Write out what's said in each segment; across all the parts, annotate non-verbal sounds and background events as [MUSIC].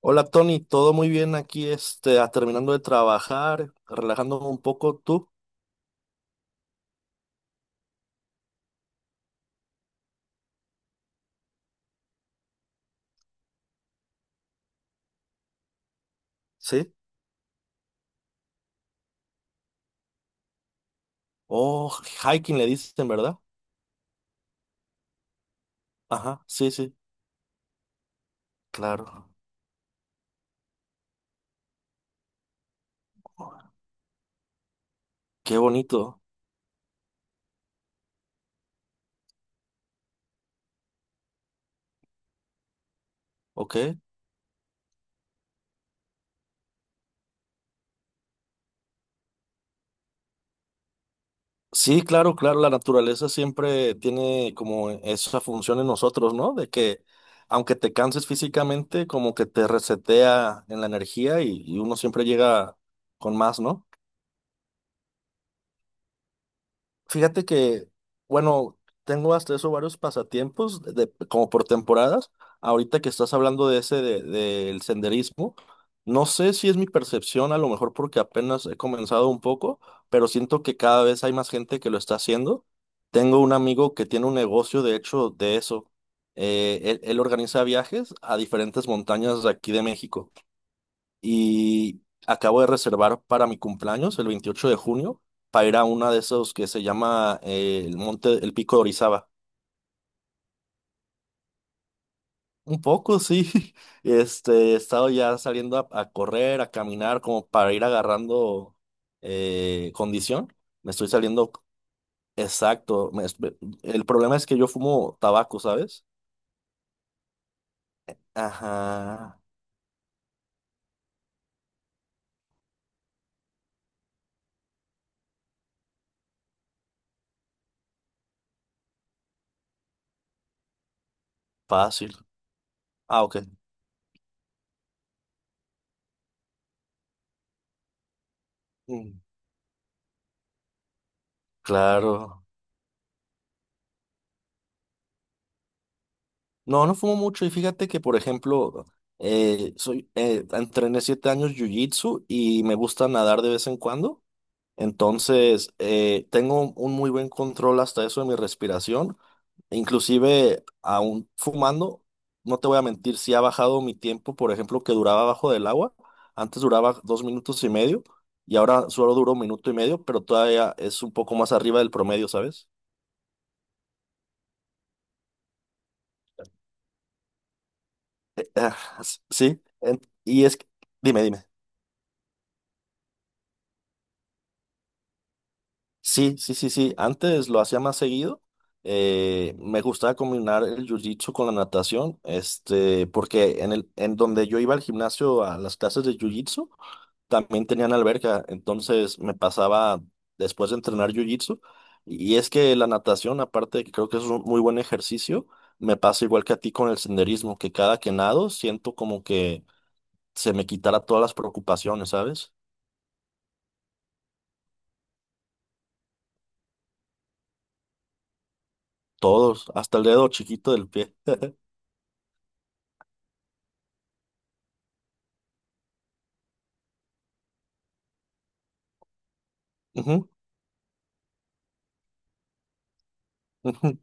Hola Tony, todo muy bien aquí, este, terminando de trabajar, relajándome un poco, ¿tú? ¿Sí? Oh, hiking le dicen, ¿verdad? Ajá, sí, sí, claro. Qué bonito. ¿Ok? Sí, claro, claro, la naturaleza siempre tiene como esa función en nosotros, ¿no? De que aunque te canses físicamente, como que te resetea en la energía y uno siempre llega con más, ¿no? Fíjate que, bueno, tengo hasta eso varios pasatiempos, como por temporadas. Ahorita que estás hablando de ese, del senderismo, no sé si es mi percepción, a lo mejor porque apenas he comenzado un poco, pero siento que cada vez hay más gente que lo está haciendo. Tengo un amigo que tiene un negocio, de hecho, de eso. Él organiza viajes a diferentes montañas de aquí de México y acabo de reservar para mi cumpleaños, el 28 de junio, para ir a una de esos que se llama el Pico de Orizaba. Un poco, sí. [LAUGHS] He estado ya saliendo a correr, a caminar, como para ir agarrando condición. Me estoy saliendo, exacto. El problema es que yo fumo tabaco, ¿sabes? Ajá, fácil. Ah, ok. Mm. Claro. No, no fumo mucho y fíjate que, por ejemplo, entrené 7 años jiu-jitsu y me gusta nadar de vez en cuando. Entonces, tengo un muy buen control hasta eso de mi respiración. Inclusive, aún fumando, no te voy a mentir, sí ha bajado mi tiempo, por ejemplo, que duraba bajo del agua. Antes duraba 2 minutos y medio y ahora solo duro 1 minuto y medio, pero todavía es un poco más arriba del promedio, ¿sabes? Ah, sí, y es... que- dime, dime. Sí, sí, sí, sí. Antes lo hacía más seguido. Me gustaba combinar el jiu-jitsu con la natación, porque en donde yo iba al gimnasio a las clases de jiu-jitsu, también tenían alberca. Entonces me pasaba después de entrenar jiu-jitsu. Y es que la natación, aparte de que creo que es un muy buen ejercicio, me pasa igual que a ti con el senderismo, que cada que nado siento como que se me quitara todas las preocupaciones, ¿sabes? Todos, hasta el dedo chiquito del pie. Ujú. Ujú.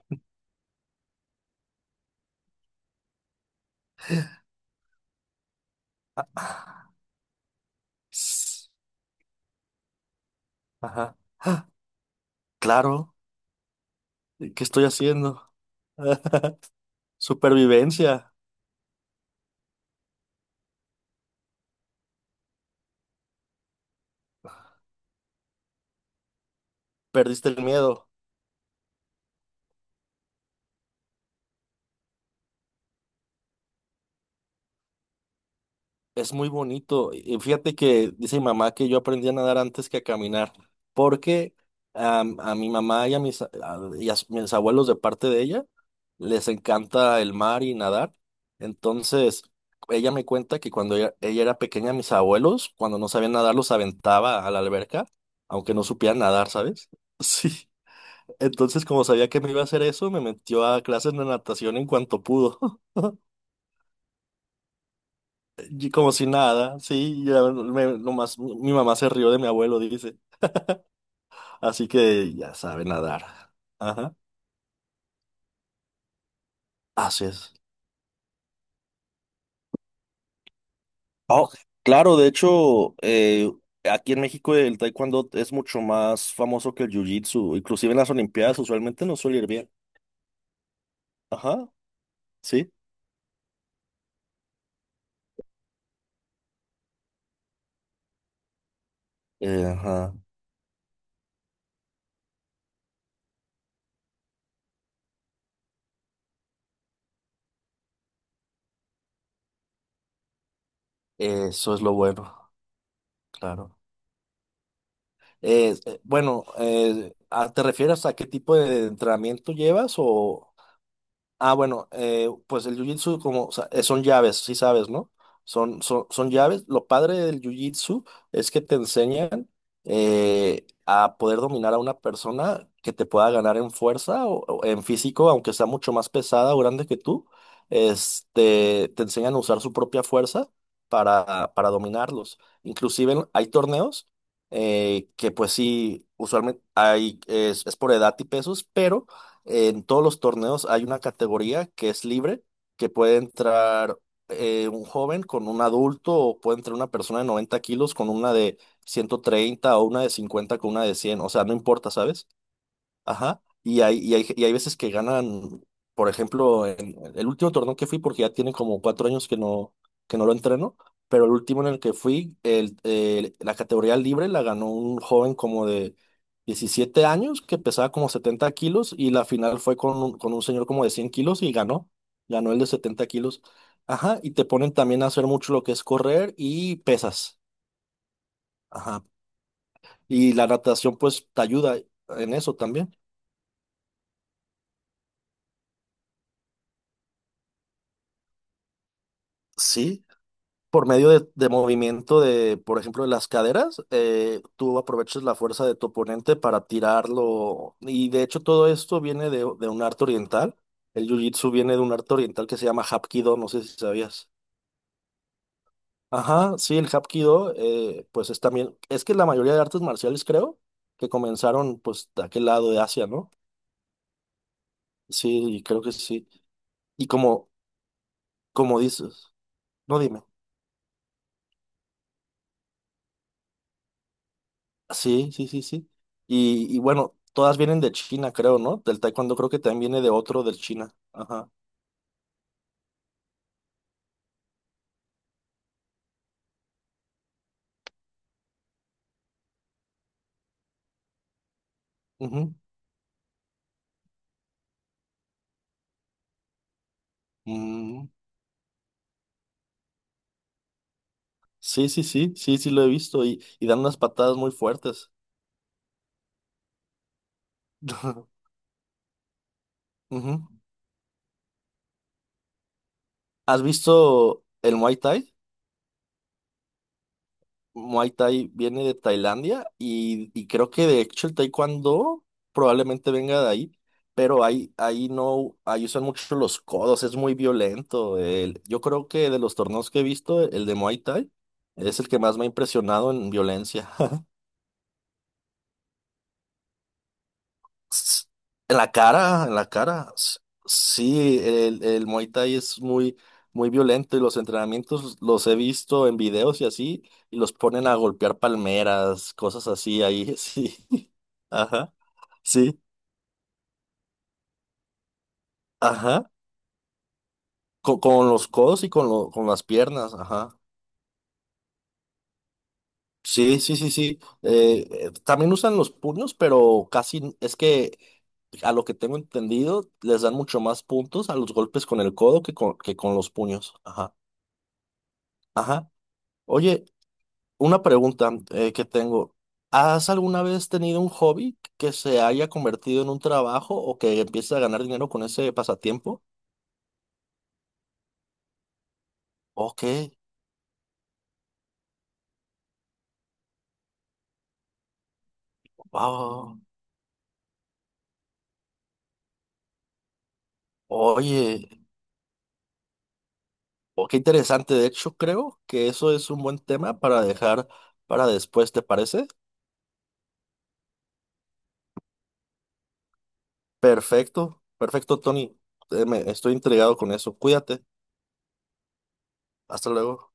Ss, Ajá, claro. ¿Y qué estoy haciendo? [LAUGHS] Supervivencia. Perdiste el miedo. Es muy bonito. Y fíjate que dice mi mamá que yo aprendí a nadar antes que a caminar, porque a mi mamá y y a mis abuelos de parte de ella les encanta el mar y nadar. Entonces, ella me cuenta que cuando ella era pequeña, mis abuelos, cuando no sabían nadar, los aventaba a la alberca, aunque no supieran nadar, ¿sabes? [LAUGHS] Sí. Entonces, como sabía que me iba a hacer eso, me metió a clases de natación en cuanto pudo. [LAUGHS] Y como si nada, sí, nomás mi mamá se rió de mi abuelo, dice. Así que ya sabe nadar. Ajá, así es. Oh, claro, de hecho, aquí en México el taekwondo es mucho más famoso que el jiu-jitsu, inclusive en las Olimpiadas usualmente no suele ir bien. Ajá, sí. Ajá. Eso es lo bueno, claro. Bueno, ¿te refieres a qué tipo de entrenamiento llevas o? Ah, bueno, pues el jiu-jitsu como, o sea, son llaves, sí sabes, ¿no? Son llaves. Lo padre del jiu-jitsu es que te enseñan a poder dominar a una persona que te pueda ganar en fuerza o en físico, aunque sea mucho más pesada o grande que tú. Te enseñan a usar su propia fuerza para dominarlos. Inclusive hay torneos que pues sí, usualmente es por edad y pesos, pero en todos los torneos hay una categoría que es libre, que puede entrar un joven con un adulto o puede entrar una persona de 90 kilos con una de 130 o una de 50 con una de cien. O sea, no importa, ¿sabes? Ajá. Y hay veces que ganan, por ejemplo, en el último torneo que fui, porque ya tiene como 4 años que no lo entreno, pero el último en el que fui, la categoría libre la ganó un joven como de 17 años que pesaba como 70 kilos y la final fue con un señor como de 100 kilos y ganó el de 70 kilos. Ajá, y te ponen también a hacer mucho lo que es correr y pesas. Ajá. Y la natación pues te ayuda en eso también. Sí, por medio de movimiento de, por ejemplo, de las caderas. Tú aprovechas la fuerza de tu oponente para tirarlo. Y de hecho todo esto viene de un arte oriental. El jiu-jitsu viene de un arte oriental que se llama Hapkido, no sé si sabías. Ajá, sí, el Hapkido, pues es también, es que la mayoría de artes marciales creo que comenzaron pues de aquel lado de Asia, ¿no? Sí, y creo que sí. Y como dices, no, dime. Sí, sí, sí, sí. Y bueno, todas vienen de China, creo, ¿no? Del taekwondo creo que también viene de otro del China. Ajá. Ujú. Mm. Sí, sí, sí, sí, sí lo he visto y dan unas patadas muy fuertes. [LAUGHS] Ujú. ¿Has visto el Muay Thai? Muay Thai viene de Tailandia y creo que de hecho el Taekwondo probablemente venga de ahí, pero ahí no, ahí usan mucho los codos, es muy violento. Yo creo que de los torneos que he visto, el de Muay Thai es el que más me ha impresionado en violencia. [LAUGHS] s- En la cara, en la cara. Sí, el Muay Thai es muy, muy violento y los entrenamientos los he visto en videos y así, y los ponen a golpear palmeras, cosas así ahí, [LAUGHS] sí. Ajá, sí, ajá. Con los codos y con las piernas, ajá. Sí, sí, sí, sí. También usan los puños, pero es que a lo que tengo entendido, les dan mucho más puntos a los golpes con el codo que con los puños. Ajá. Ajá. Oye, una pregunta que tengo. ¿Has alguna vez tenido un hobby que se haya convertido en un trabajo o que empieces a ganar dinero con ese pasatiempo? Ok, wow. Oye, oh, qué interesante. De hecho, creo que eso es un buen tema para dejar para después, ¿te parece? Perfecto, perfecto, Tony. Estoy intrigado con eso. Cuídate. Hasta luego.